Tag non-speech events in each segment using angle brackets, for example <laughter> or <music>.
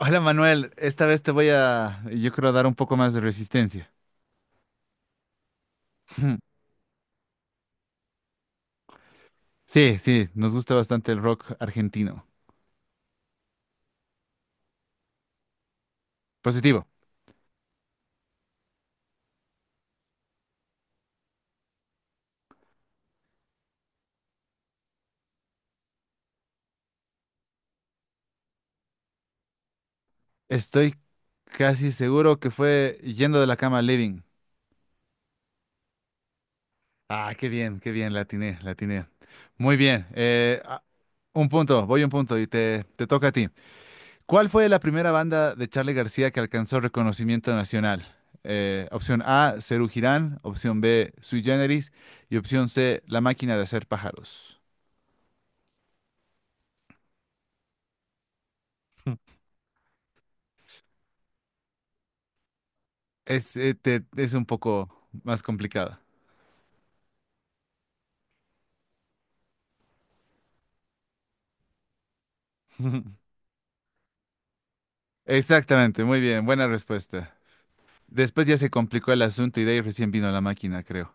Hola Manuel, esta vez te voy a, yo creo, dar un poco más de resistencia. <laughs> Sí, sí, nos gusta bastante el rock argentino. Positivo. Estoy casi seguro que fue Yendo de la cama a Living. Ah, qué bien, la atiné, la atiné. Muy bien, un punto, voy un punto y te toca a ti. ¿Cuál fue la primera banda de Charly García que alcanzó reconocimiento nacional? Opción A, Serú Girán, opción B, Sui Generis y opción C, La máquina de hacer pájaros. Es un poco más complicado. <laughs> Exactamente, muy bien, buena respuesta. Después ya se complicó el asunto y de ahí recién vino la máquina, creo.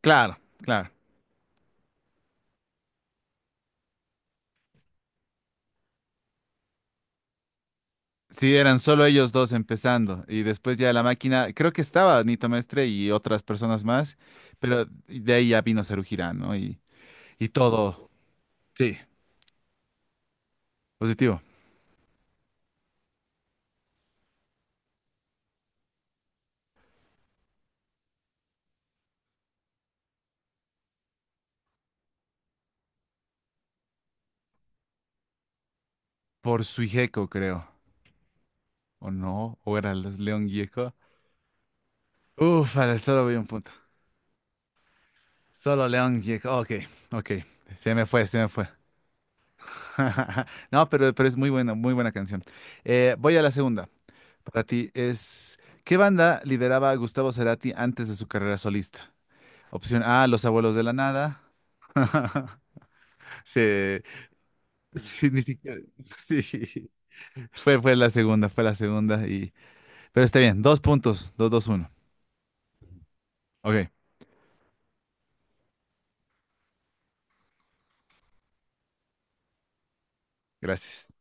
Claro, claro. Sí, eran solo ellos dos empezando y después ya la máquina, creo que estaba Nito Mestre y otras personas más, pero de ahí ya vino Cerujirán, ¿no? Y todo. Sí, positivo. Por Suijeco, creo. ¿O no? ¿O era los León Gieco? Uf, al estado voy un punto. Solo León Jack. Ok, ok. Se me fue, se me fue. <laughs> No, pero es muy buena canción. Voy a la segunda. Para ti es, ¿qué banda lideraba Gustavo Cerati antes de su carrera solista? Opción A, Los Abuelos de la Nada. Sí, sí, ni siquiera. Sí. Fue la segunda, fue la segunda. Y, pero está bien, dos puntos, dos, dos, uno. Ok, gracias.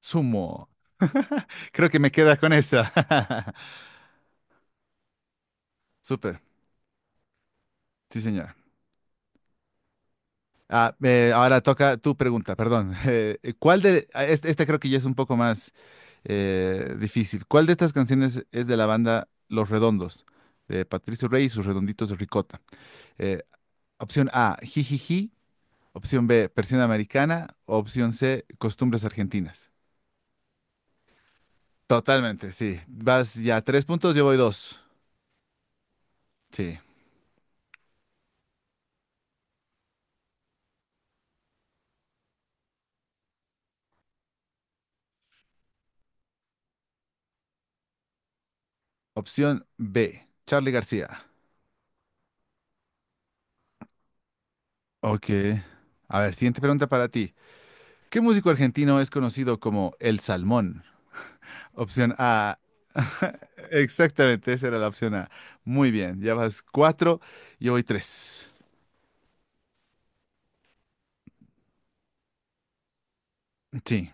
Sumo. <laughs> Creo que me queda con esa. <laughs> Súper, sí, señor. Ahora toca tu pregunta, perdón. <laughs> ¿Cuál de, ah, este creo que ya es un poco más difícil. ¿Cuál de estas canciones es de la banda Los Redondos, de Patricio Rey y sus Redonditos de Ricota? Eh, Opción A, Jijiji. Opción B, Persiana Americana. Opción C, Costumbres Argentinas. Totalmente, sí. Vas ya 3 puntos, yo voy dos. Sí. Opción B, Charly García. Ok. A ver, siguiente pregunta para ti. ¿Qué músico argentino es conocido como El Salmón? Opción A. <laughs> Exactamente, esa era la opción A. Muy bien, ya vas cuatro y hoy tres. Sí.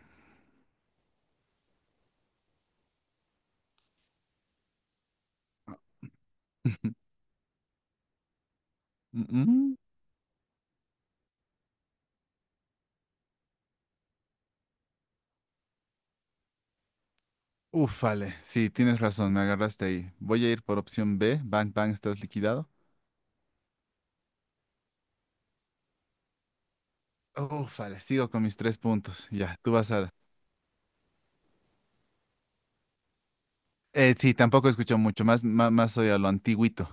Mm, mm. Ufale, sí, tienes razón, me agarraste ahí. Voy a ir por opción B. Bang, bang, estás liquidado. Ufale, sigo con mis tres puntos. Ya, tú vas a... Sí, tampoco escucho mucho, más soy a lo antiguito.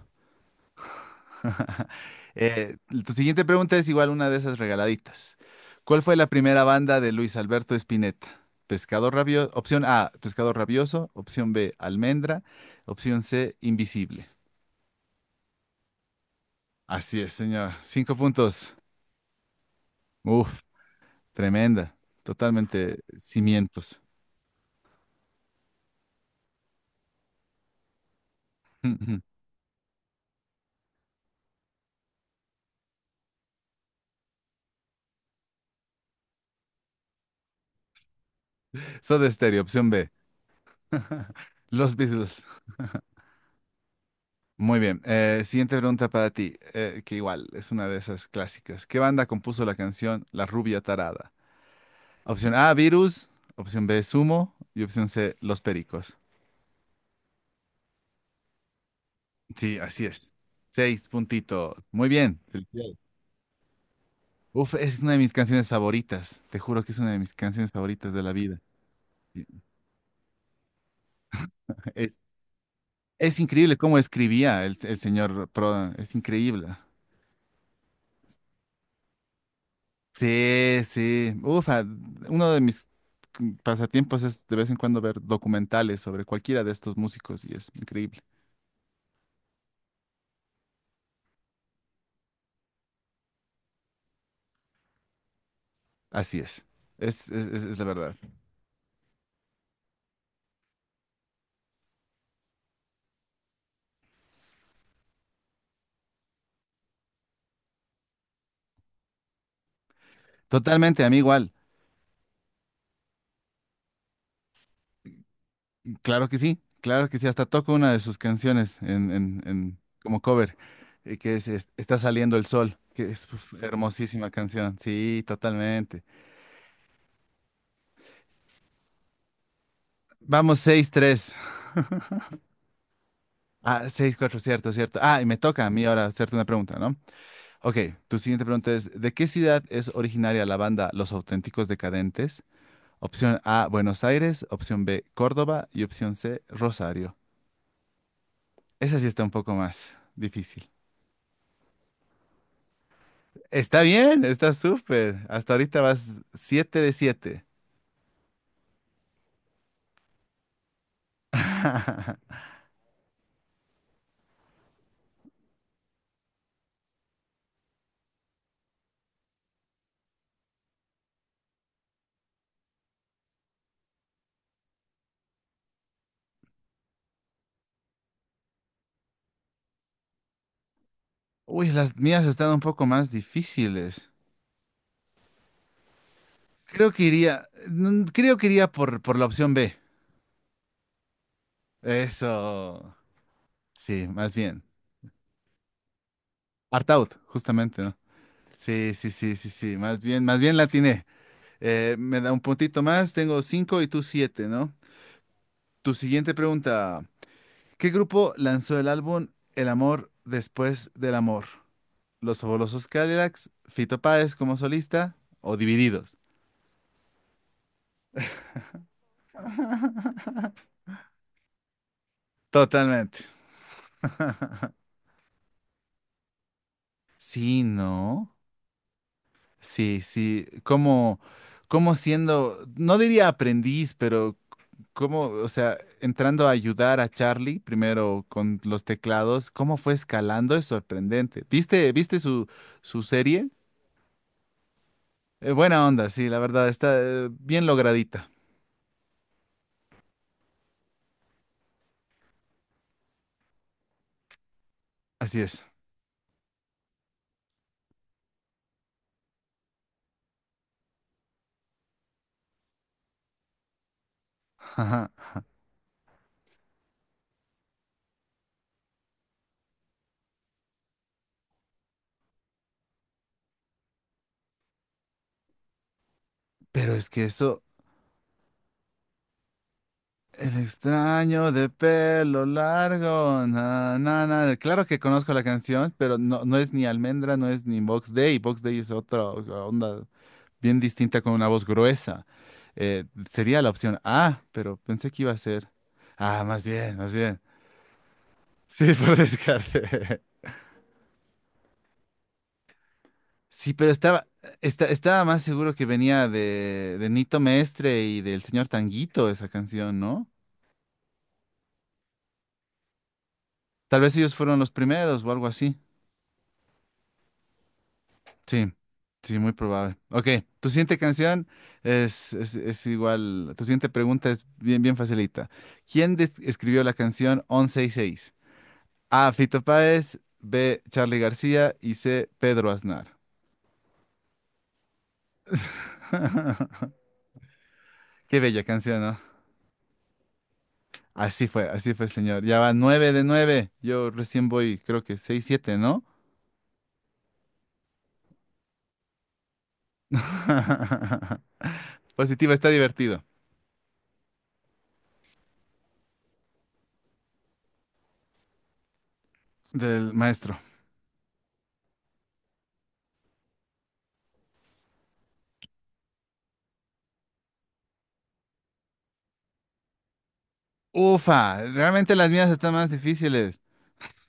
<laughs> Eh, Tu siguiente pregunta es igual una de esas regaladitas. ¿Cuál fue la primera banda de Luis Alberto Spinetta? Opción A, Pescador rabioso, opción B, Almendra, opción C, Invisible. Así es, señor. 5 puntos. Uf, tremenda. Totalmente cimientos. <laughs> Soda Stereo, opción B. <laughs> Los Beatles. Muy bien. Siguiente pregunta para ti, que igual es una de esas clásicas. ¿Qué banda compuso la canción La Rubia Tarada? Opción A, virus. Opción B, sumo. Y opción C, los pericos. Sí, así es. Seis puntitos. Muy bien. Felicidades. Uf, es una de mis canciones favoritas. Te juro que es una de mis canciones favoritas de la vida. Y Es, es increíble cómo escribía el señor Prodan. Es increíble. Sí, sí. Uf, uno de mis pasatiempos es de vez en cuando ver documentales sobre cualquiera de estos músicos y es increíble. Así es. Es la verdad. Totalmente, a mí igual. Claro que sí, hasta toco una de sus canciones en como cover, Está saliendo el sol, que es uf, hermosísima canción, sí, totalmente. Vamos, 6-3 6-4, cierto, cierto. Ah, y me toca a mí ahora hacerte una pregunta, ¿no? Ok, tu siguiente pregunta es, ¿de qué ciudad es originaria la banda Los Auténticos Decadentes? Opción A, Buenos Aires, opción B, Córdoba y opción C, Rosario. Esa sí está un poco más difícil. Está bien, está súper. Hasta ahorita vas 7 de 7. Uy, las mías están un poco más difíciles. Creo que iría, creo que iría por la opción B. Eso. Sí, más bien. Art out, justamente, ¿no? Sí, sí, sí, sí, sí. Más bien la atiné. Me da un puntito más, tengo 5 y tú 7, ¿no? Tu siguiente pregunta. ¿Qué grupo lanzó el álbum El amor después del amor? Los Fabulosos Cadillacs, Fito Páez como solista o Divididos. Totalmente. Sí, ¿no? Sí, sí. Como siendo, no diría aprendiz, pero como, o sea, entrando a ayudar a Charlie primero con los teclados, cómo fue escalando es sorprendente. ¿Viste su serie? Buena onda, sí, la verdad, está bien logradita. Así es. <laughs> Ajá. Pero es que eso, El extraño de pelo largo. Na, na, na. Claro que conozco la canción, pero no, no es ni Almendra, no es ni Box Day. Box Day es otra o sea, onda bien distinta con una voz gruesa. Eh, Sería la opción A, pero pensé que iba a ser. Ah, más bien, más bien. Sí, <laughs> por descarte. Sí, pero estaba más seguro que venía de Nito Mestre y del señor Tanguito esa canción, ¿no? Tal vez ellos fueron los primeros o algo así. Sí, sí, muy probable. Ok, tu siguiente canción es igual, tu siguiente pregunta es bien, bien facilita. ¿Quién escribió la canción Once sesenta y seis? A. Fito Páez, B. Charly García y C. Pedro Aznar. <laughs> Qué bella canción, ¿no? Así fue, señor. Ya va 9 de 9. Yo recién voy, creo que seis, siete, ¿no? <laughs> Positivo, está divertido. Del maestro. Ufa, realmente las mías están más difíciles.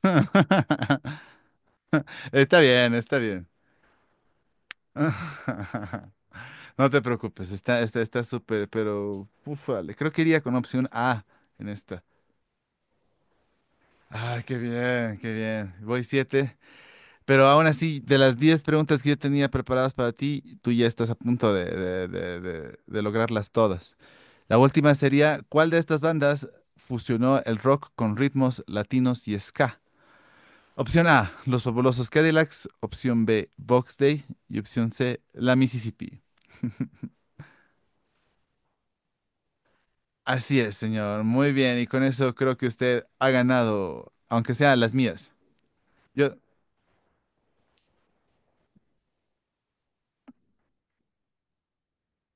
<laughs> Está bien, está bien. <laughs> No te preocupes, está súper, pero ufale, creo que iría con opción A en esta. Ay, qué bien, qué bien. Voy siete, pero aún así, de las 10 preguntas que yo tenía preparadas para ti, tú ya estás a punto de lograrlas todas. La última sería, ¿cuál de estas bandas fusionó el rock con ritmos latinos y ska? Opción A, Los Fabulosos Cadillacs. Opción B, Box Day. Y opción C, La Mississippi. Así es, señor. Muy bien. Y con eso creo que usted ha ganado, aunque sea las mías. Yo,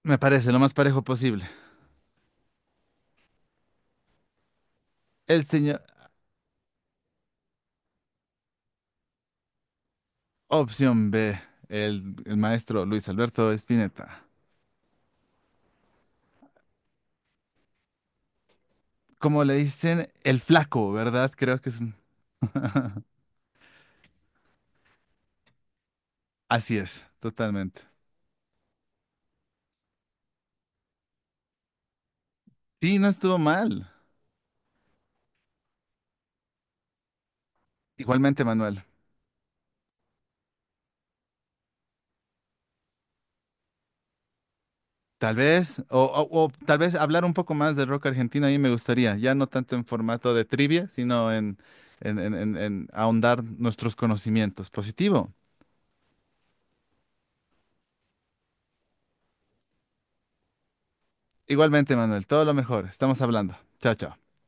me parece lo más parejo posible. El señor, opción B, el maestro Luis Alberto Spinetta. Como le dicen, el flaco, ¿verdad? Creo que es. Así es, totalmente. Sí, no estuvo mal. Igualmente, Manuel. Tal vez, o tal vez hablar un poco más del rock argentino a mí me gustaría, ya no tanto en formato de trivia, sino en ahondar nuestros conocimientos. Positivo. Igualmente, Manuel, todo lo mejor. Estamos hablando. Chao, chao.